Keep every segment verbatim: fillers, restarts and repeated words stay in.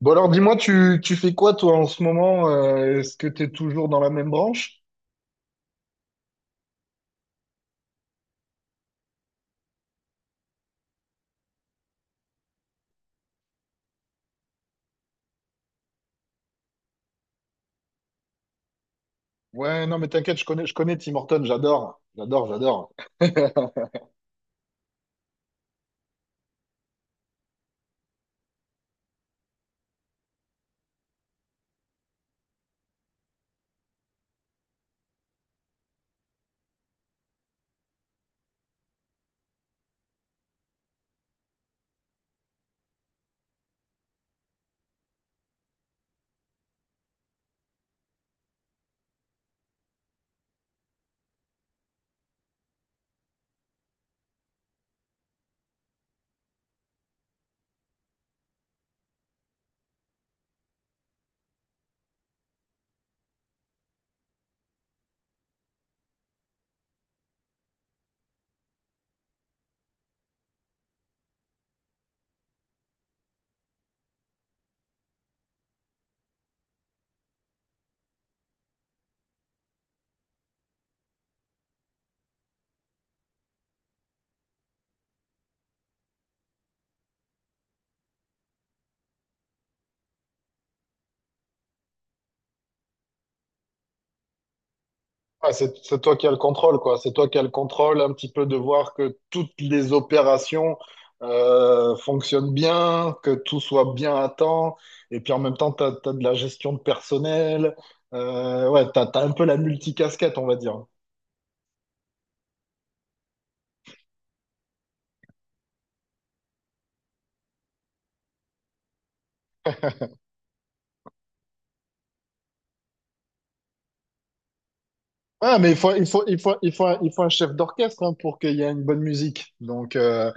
Bon alors dis-moi, tu, tu fais quoi toi en ce moment? Euh, est-ce que t'es toujours dans la même branche? Ouais, non mais t'inquiète, je connais, je connais Tim Horton, j'adore, j'adore, j'adore. Ah, c'est, c'est toi qui as le contrôle, quoi. C'est toi qui as le contrôle un petit peu de voir que toutes les opérations euh, fonctionnent bien, que tout soit bien à temps. Et puis en même temps, tu as, de la gestion de personnel. Euh, ouais, tu as, un peu la multicasquette, on va dire. Ah, mais il faut, il faut, il faut, il faut, il faut un chef d'orchestre hein, pour qu'il y ait une bonne musique. Donc euh,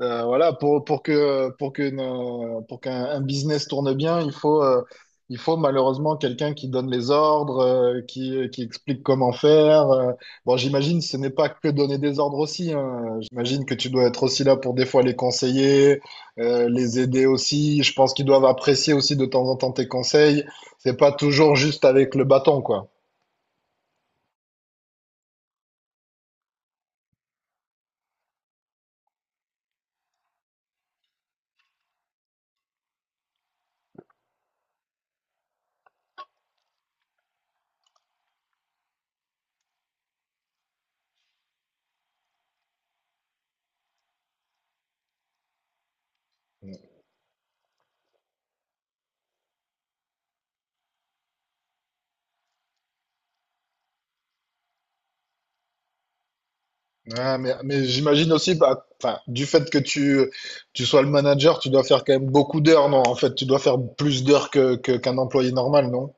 euh, voilà, pour, pour que, pour que, euh, pour qu'un un business tourne bien, il faut, euh, il faut malheureusement quelqu'un qui donne les ordres, euh, qui, qui explique comment faire. euh. Bon, j'imagine ce n'est pas que donner des ordres aussi. hein. J'imagine que tu dois être aussi là pour des fois les conseiller, euh, les aider aussi. Je pense qu'ils doivent apprécier aussi de temps en temps tes conseils. C'est pas toujours juste avec le bâton, quoi. Ah, mais mais j'imagine aussi, bah, enfin, du fait que tu, tu sois le manager, tu dois faire quand même beaucoup d'heures, non? En fait, tu dois faire plus d'heures que, que- qu'un employé normal, non?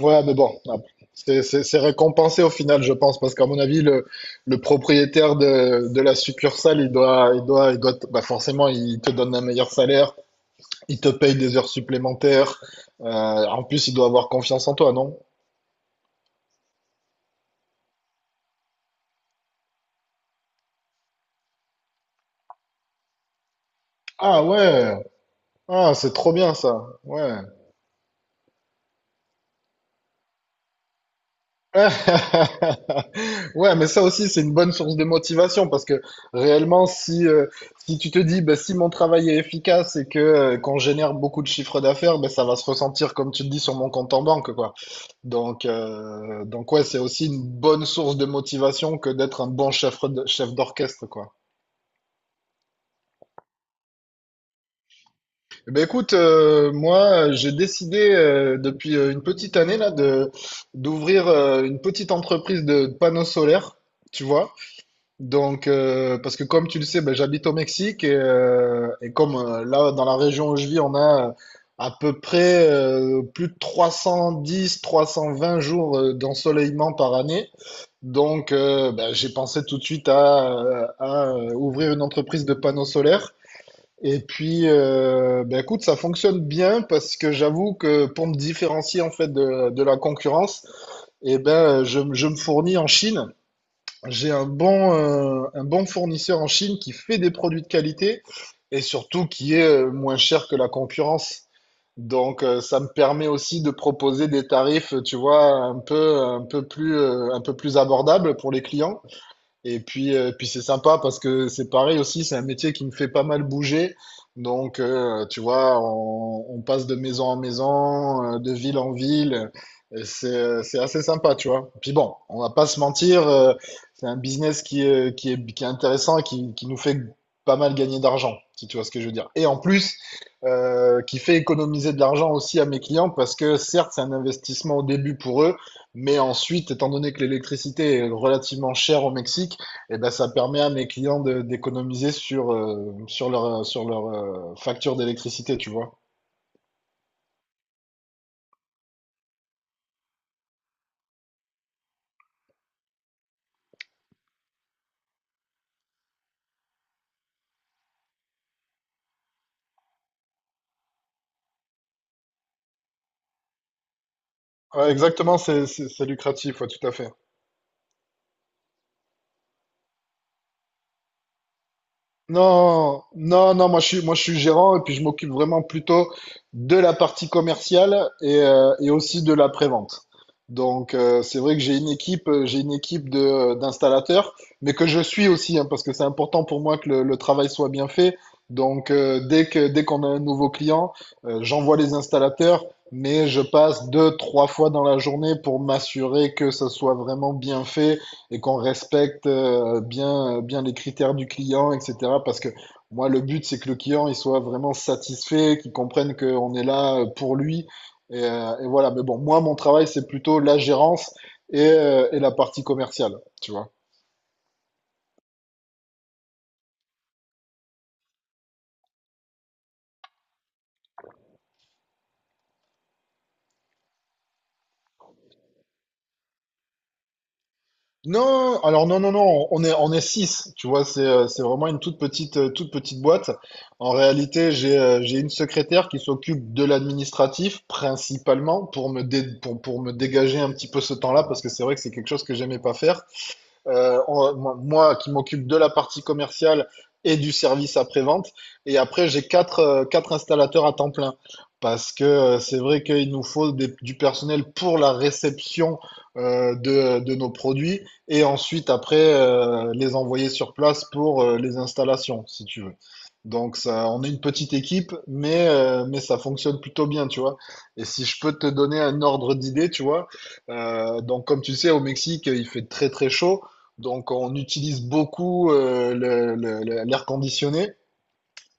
Ouais, mais bon, ah, c'est c'est- c'est récompensé au final, je pense, parce qu'à mon avis, le, le propriétaire de, de la succursale, il doit, il doit, il doit, te- bah, forcément, il te donne un meilleur salaire, il te paye des heures supplémentaires, euh, en plus, il doit avoir confiance en toi, non? Ah ouais, ah, c'est trop bien ça, ouais. Ouais, mais ça aussi, c'est une bonne source de motivation parce que réellement, si, euh, si tu te dis, bah, si mon travail est efficace et que euh, qu'on génère beaucoup de chiffres d'affaires, bah, ça va se ressentir, comme tu le dis, sur mon compte en banque, quoi. Donc, euh, donc ouais, c'est aussi une bonne source de motivation que d'être un bon chef, de- chef d'orchestre, quoi. Eh Ben écoute, euh, moi, j'ai décidé euh, depuis euh, une petite année là de d'ouvrir euh, une petite entreprise de panneaux solaires, tu vois. Donc, euh, parce que comme tu le sais, ben, j'habite au Mexique et, euh, et comme euh, là, dans la région où je vis, on a euh, à peu près euh, plus de trois cent dix, trois cent vingt jours euh, d'ensoleillement par année. Donc, euh, ben, j'ai pensé tout de suite à, euh, à, euh, ouvrir une entreprise de panneaux solaires. Et puis, euh, ben, écoute, ça fonctionne bien parce que j'avoue que pour me différencier en fait de, de la concurrence, eh ben, je, je me fournis en Chine. J'ai un bon, euh, un bon fournisseur en Chine qui fait des produits de qualité et surtout qui est euh, moins cher que la concurrence. Donc, euh, ça me permet aussi de proposer des tarifs, tu vois, un peu, un peu plus, euh, un peu plus abordables pour les clients. Et puis, euh, puis c'est sympa parce que c'est pareil aussi, c'est un métier qui me fait pas mal bouger. Donc, euh, tu vois, on, on passe de maison en maison, euh, de ville en ville. Et c'est, c'est assez sympa, tu vois. Puis bon, on va pas se mentir, euh, c'est un business qui, euh, qui est, qui est intéressant et qui, qui nous fait pas mal gagner d'argent, si tu vois ce que je veux dire. Et en plus, euh, qui fait économiser de l'argent aussi à mes clients parce que certes, c'est un investissement au début pour eux, mais ensuite, étant donné que l'électricité est relativement chère au Mexique, et ben, ça permet à mes clients de- d'économiser sur, euh, sur leur, sur leur euh, facture d'électricité, tu vois. Ouais, exactement, c'est c'est- c'est lucratif, ouais, tout à fait. Non, non, non, moi je suis, moi je suis gérant et puis je m'occupe vraiment plutôt de la partie commerciale et, euh, et aussi de la prévente. Donc euh, c'est vrai que j'ai une équipe, euh, j'ai une équipe de, euh, d'installateurs, mais que je suis aussi hein, parce que c'est important pour moi que le, le travail soit bien fait. Donc euh, dès que dès qu'on a un nouveau client, euh, j'envoie les installateurs, mais je passe deux, trois fois dans la journée pour m'assurer que ça soit vraiment bien fait et qu'on respecte euh, bien, bien les critères du client, et cetera. Parce que moi, le but, c'est que le client, il soit vraiment satisfait, qu'il comprenne qu'on est là euh, pour lui. Et, euh, et voilà. Mais bon, moi, mon travail, c'est plutôt la gérance et, euh, et la partie commerciale, tu vois. Non, alors non, non, non, on est, on est six, tu vois, c'est, euh, c'est vraiment une toute petite, euh, toute petite boîte. En réalité, j'ai, euh, j'ai une secrétaire qui s'occupe de l'administratif principalement pour me dé- pour, pour me dégager un petit peu ce temps-là parce que c'est vrai que c'est quelque chose que j'aimais pas faire euh, en- moi, moi qui m'occupe de la partie commerciale et du service après-vente. Et après, j'ai quatre, euh, quatre installateurs à temps plein. Parce que euh, C'est vrai qu'il nous faut des- du personnel pour la réception euh, de, de nos produits et ensuite après euh, les envoyer sur place pour euh, les installations, si tu veux. Donc ça, on est une petite équipe, mais, euh, mais ça fonctionne plutôt bien, tu vois. Et si je peux te donner un ordre d'idée, tu vois, euh, donc comme tu sais, au Mexique, il fait très très chaud. Donc, on utilise beaucoup euh, le- le- le- l'air conditionné.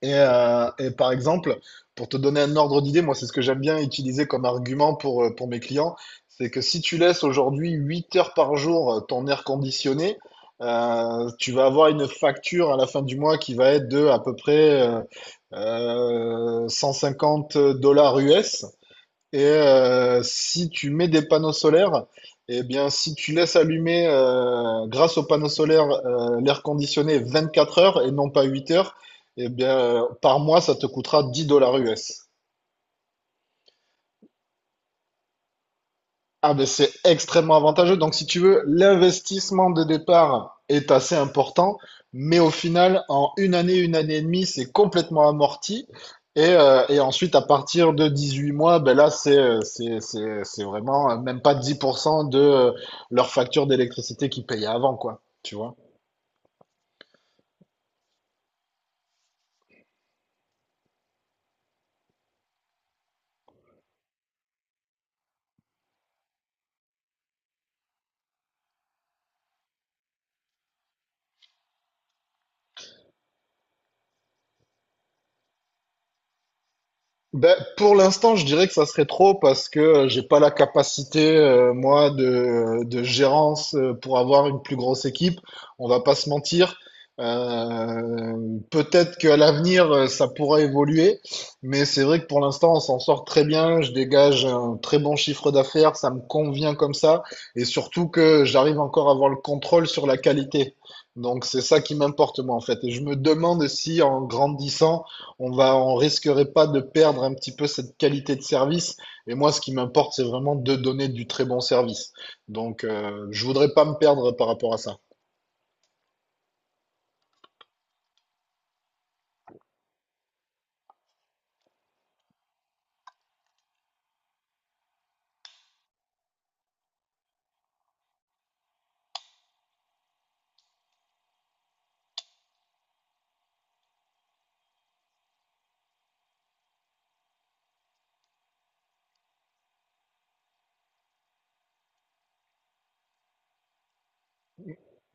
Et, euh, et par exemple, pour te donner un ordre d'idée, moi, c'est ce que j'aime bien utiliser comme argument pour, euh, pour mes clients, c'est que si tu laisses aujourd'hui huit heures par jour euh, ton air conditionné, euh, tu vas avoir une facture à la fin du mois qui va être de à peu près euh, euh, cent cinquante dollars U S. Et euh, si tu mets des panneaux solaires, eh bien, si tu laisses allumer euh, grâce aux panneaux solaires euh, l'air conditionné vingt-quatre heures et non pas huit heures, eh bien, euh, par mois, ça te coûtera dix dollars U S. Ah ben c'est extrêmement avantageux. Donc si tu veux, l'investissement de départ est assez important, mais au final, en une année, une année et demie, c'est complètement amorti. Et, euh, et ensuite, à partir de dix-huit mois, ben là, c'est euh, c'est c'est c'est vraiment euh, même pas dix pour cent de euh, leur facture d'électricité qu'ils payaient avant, quoi. Tu vois? Ben, pour l'instant, je dirais que ça serait trop parce que euh, j'ai pas la capacité, euh, moi, de, de gérance euh, pour avoir une plus grosse équipe. On va pas se mentir. Euh, Peut-être qu'à l'avenir, euh, ça pourra évoluer, mais c'est vrai que pour l'instant, on s'en sort très bien. Je dégage un très bon chiffre d'affaires, ça me convient comme ça, et surtout que j'arrive encore à avoir le contrôle sur la qualité. Donc c'est ça qui m'importe moi en fait. Et je me demande si en grandissant, on va, on risquerait pas de perdre un petit peu cette qualité de service. Et moi, ce qui m'importe, c'est vraiment de donner du très bon service. Donc, euh, je voudrais pas me perdre par rapport à ça.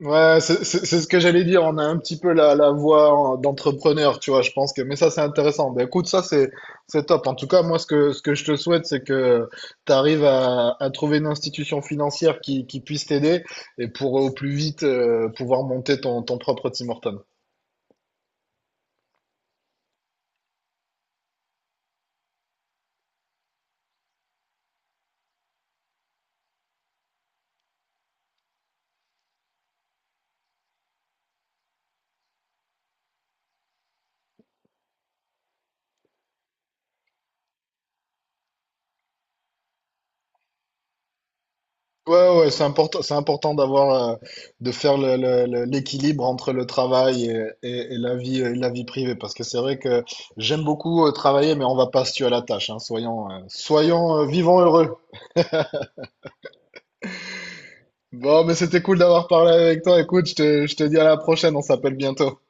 Ouais, c'est c'est- c'est ce que j'allais dire. On a un petit peu la, la voix en- d'entrepreneur, tu vois, je pense que. Mais ça, c'est intéressant. Ben, écoute, ça, c'est c'est top. En tout cas, moi, ce que, ce que je te souhaite, c'est que tu arrives à, à trouver une institution financière qui, qui puisse t'aider et pour au plus vite euh, pouvoir monter ton, ton propre Tim Hortons. Ouais, ouais, c'est important, c'est important d'avoir, euh, de faire le- le- le- l'équilibre entre le travail et, et- et la vie, et la vie privée, parce que c'est vrai que j'aime beaucoup euh, travailler, mais on va pas se tuer à la tâche, hein, soyons, euh, soyons, euh, vivants heureux. Bon, mais c'était cool d'avoir parlé avec toi. Écoute, je te, je te dis à la prochaine, on s'appelle bientôt.